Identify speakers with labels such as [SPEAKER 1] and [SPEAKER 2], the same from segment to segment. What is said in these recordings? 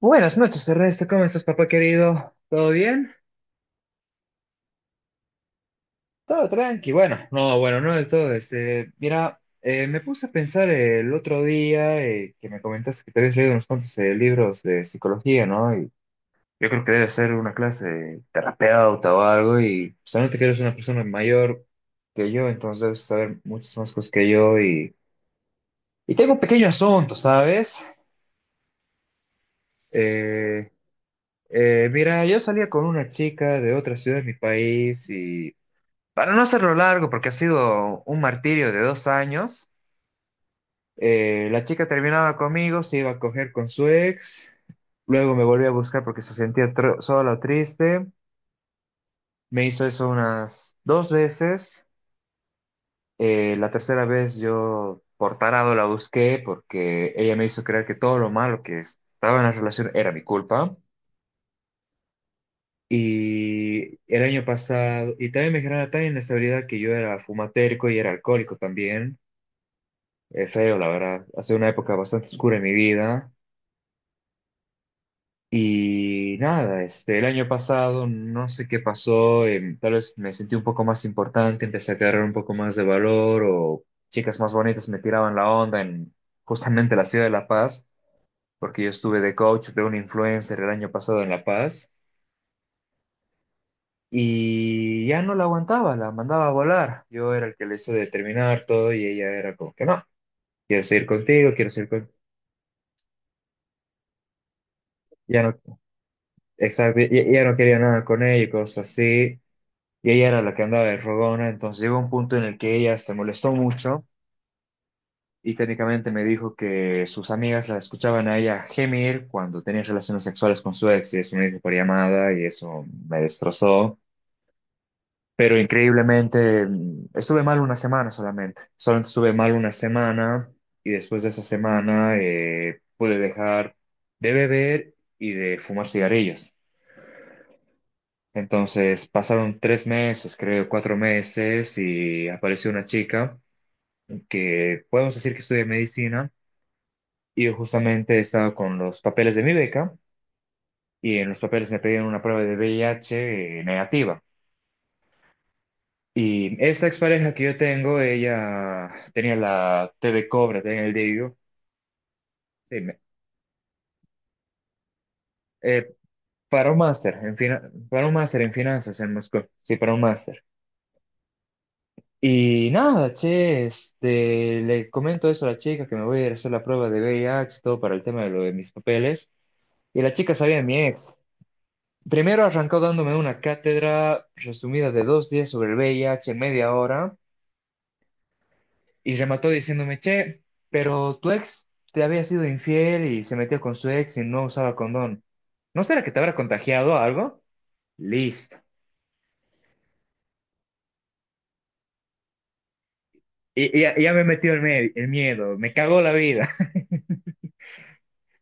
[SPEAKER 1] Buenas noches, Ernesto. ¿Cómo estás, papá querido? ¿Todo bien? Todo tranqui. Bueno, no, bueno, no del todo. Me puse a pensar el otro día que me comentaste que te habías leído unos cuantos libros de psicología, ¿no? Y yo creo que debe ser una clase de terapeuta o algo. Y solamente que eres una persona mayor que yo, entonces debes saber muchas más cosas que yo. Y tengo un pequeño asunto, ¿sabes? Eh, yo salía con una chica de otra ciudad de mi país y. Para no hacerlo largo, porque ha sido un martirio de dos años, la chica terminaba conmigo, se iba a coger con su ex, luego me volvió a buscar porque se sentía sola o triste, me hizo eso unas dos veces, la tercera vez yo por tarado la busqué porque ella me hizo creer que todo lo malo que estaba en la relación era mi culpa. Y el año pasado, y también me generaba tan inestabilidad que yo era fumatérico y era alcohólico también. Es feo, la verdad. Ha sido una época bastante oscura en mi vida. Y nada, este, el año pasado no sé qué pasó, tal vez me sentí un poco más importante, empecé a agarrar un poco más de valor o chicas más bonitas me tiraban la onda en justamente la ciudad de La Paz, porque yo estuve de coach de un influencer el año pasado en La Paz y ya no la aguantaba, la mandaba a volar. Yo era el que le hice determinar todo y ella era como que no, quiero seguir contigo, quiero seguir contigo. Exacto, y ella no quería nada con ella y cosas así, y ella era la que andaba de rogona, entonces llegó un punto en el que ella se molestó mucho y técnicamente me dijo que sus amigas la escuchaban a ella gemir cuando tenía relaciones sexuales con su ex, y eso me dijo por llamada y eso me destrozó, pero increíblemente estuve mal una semana solamente, solamente estuve mal una semana y después de esa semana pude dejar de beber y de fumar cigarrillos. Entonces pasaron tres meses, creo, cuatro meses, y apareció una chica que podemos decir que estudia medicina, y yo justamente estaba con los papeles de mi beca, y en los papeles me pedían una prueba de VIH negativa. Y esta expareja que yo tengo, ella tenía la TV Cobra, tenía el DIU, sí, me- eh, para un para un máster en finanzas en Moscú, sí, para un máster. Y nada, che, este, le comento eso a la chica que me voy a ir a hacer la prueba de V I H todo para el tema de lo de mis papeles. Y la chica sabía de mi ex. Primero arrancó dándome una cátedra resumida de dos días sobre el V I H en media hora y remató diciéndome, che, pero tu ex te había sido infiel y se metió con su ex y no usaba condón. ¿No será que te habrá contagiado algo? Listo. Ya me metió el miedo, me cagó la vida.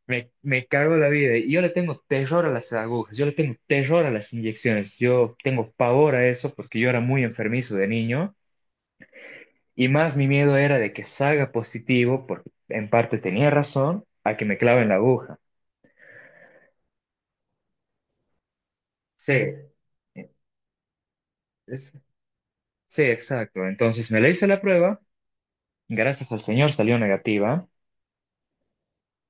[SPEAKER 1] Me cago en la vida. Y yo le tengo terror a las agujas, yo le tengo terror a las inyecciones, yo tengo pavor a eso porque yo era muy enfermizo de niño y más mi miedo era de que salga positivo, porque en parte tenía razón, a que me claven la aguja. Sí, eh, es- sí, exacto. Entonces me le hice la prueba, gracias al Señor salió negativa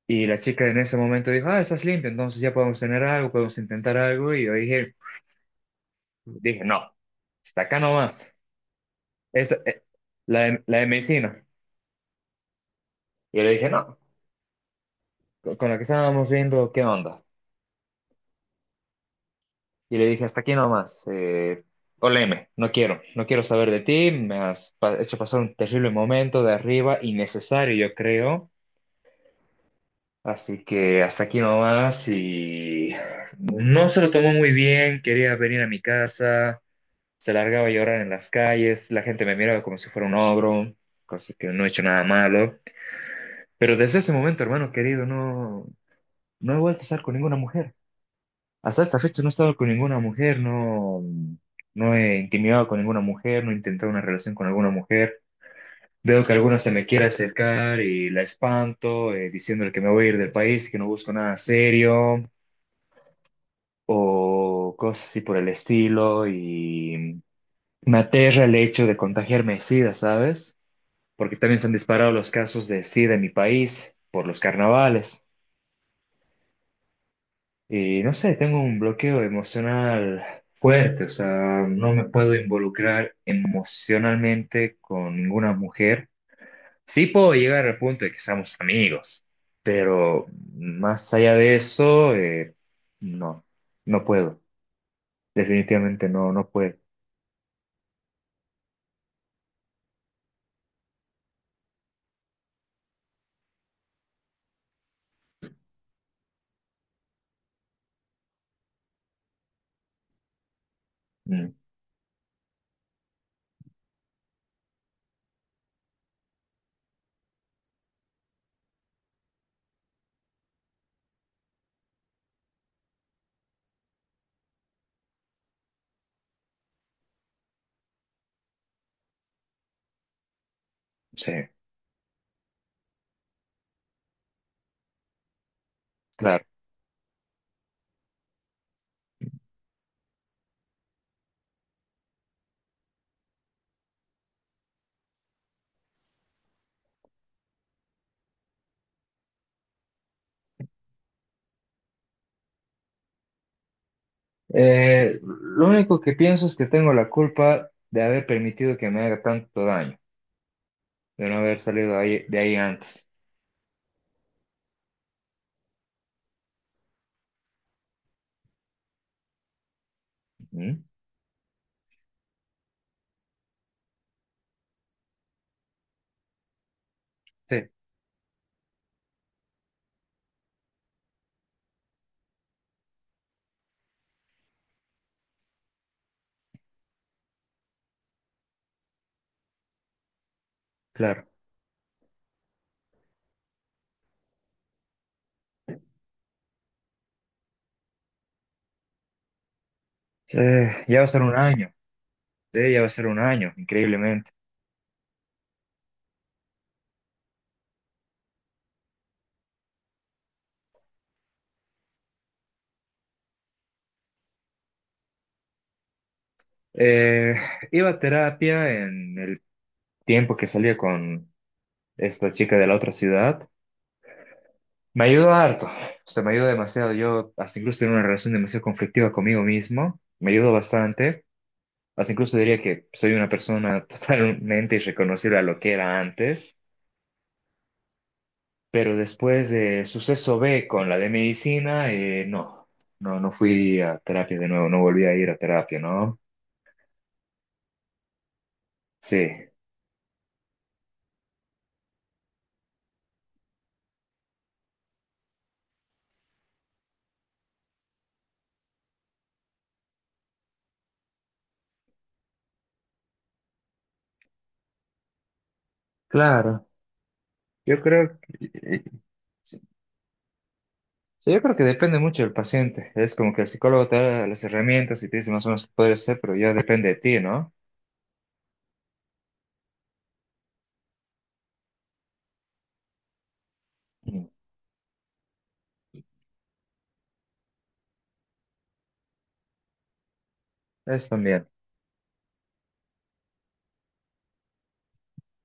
[SPEAKER 1] y la chica en ese momento dijo, ah, estás limpio, entonces ya podemos tener algo, podemos intentar algo y yo dije, dije, no, hasta acá nomás. Esa, la de medicina. Y yo le dije, no, con la que estábamos viendo, ¿qué onda? Y le dije, hasta aquí nomás, oleme, no quiero, no quiero saber de ti, me has hecho pasar un terrible momento de arriba, innecesario, yo creo. Así que hasta aquí nomás y no se lo tomó muy bien, quería venir a mi casa, se largaba a llorar en las calles, la gente me miraba como si fuera un ogro, cosa que no he hecho nada malo. Pero desde ese momento, hermano querido, no. No he vuelto a estar con ninguna mujer. Hasta esta fecha no he estado con ninguna mujer, no, no he intimidado con ninguna mujer, no he intentado una relación con alguna mujer. Veo que alguna se me quiere acercar y la espanto, diciéndole que me voy a ir del país, que no busco nada serio, o cosas así por el estilo, y me aterra el hecho de contagiarme de SIDA, ¿sabes? Porque también se han disparado los casos de SIDA en mi país por los carnavales. Y no sé, tengo un bloqueo emocional fuerte, o sea, no me puedo involucrar emocionalmente con ninguna mujer. Sí puedo llegar al punto de que seamos amigos, pero más allá de eso, no, no puedo. Definitivamente no, no puedo. Mm, sí, claro. Lo único que pienso es que tengo la culpa de haber permitido que me haga tanto daño, de no haber salido de ahí antes. Mm, sí, claro. Sí, ya va a ser un año, sí, ya va a ser un año, increíblemente. Eh, Iba a terapia en el tiempo que salía con esta chica de la otra ciudad. Me ayudó harto, o sea, me ayudó demasiado. Yo hasta incluso tenía una relación demasiado conflictiva conmigo mismo, me ayudó bastante. Hasta incluso diría que soy una persona totalmente irreconocible a lo que era antes, pero después de suceso B con la de medicina, no, no fui a terapia de nuevo, no volví a ir a terapia, ¿no? Sí. Claro, yo creo que, sí, sí, yo creo que depende mucho del paciente. Es como que el psicólogo te da las herramientas y te dice más o menos qué puede ser, pero ya depende de ti, ¿no? Mm. Es también.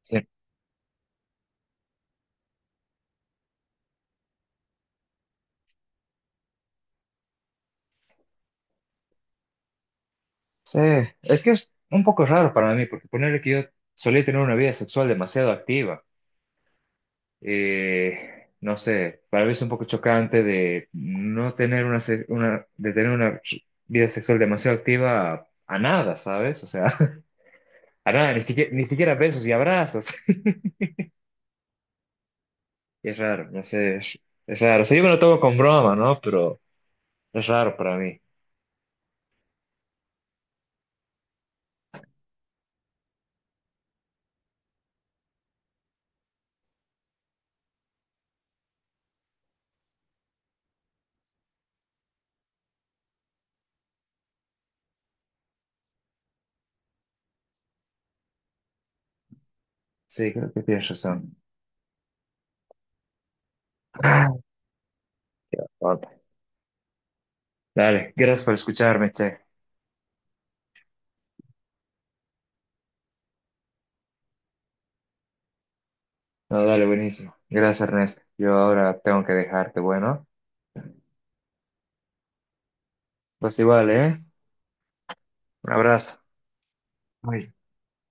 [SPEAKER 1] Sí. Sí, es que es un poco raro para mí, porque ponerle que yo solía tener una vida sexual demasiado activa. No sé, para mí es un poco chocante de no tener una, de tener una vida sexual demasiado activa a, nada, ¿sabes? O sea, a nada, ni siquiera, ni siquiera besos y abrazos. Y es raro, no sé, Es raro. O sea, yo me lo tomo con broma, ¿no? Pero es raro para mí. Sí, creo que tienes razón. Ah, papá. Dale, gracias por escucharme, che. No, dale, buenísimo. Gracias, Ernesto. Yo ahora tengo que dejarte, bueno. Pues igual, ¿eh? Un abrazo. Bye.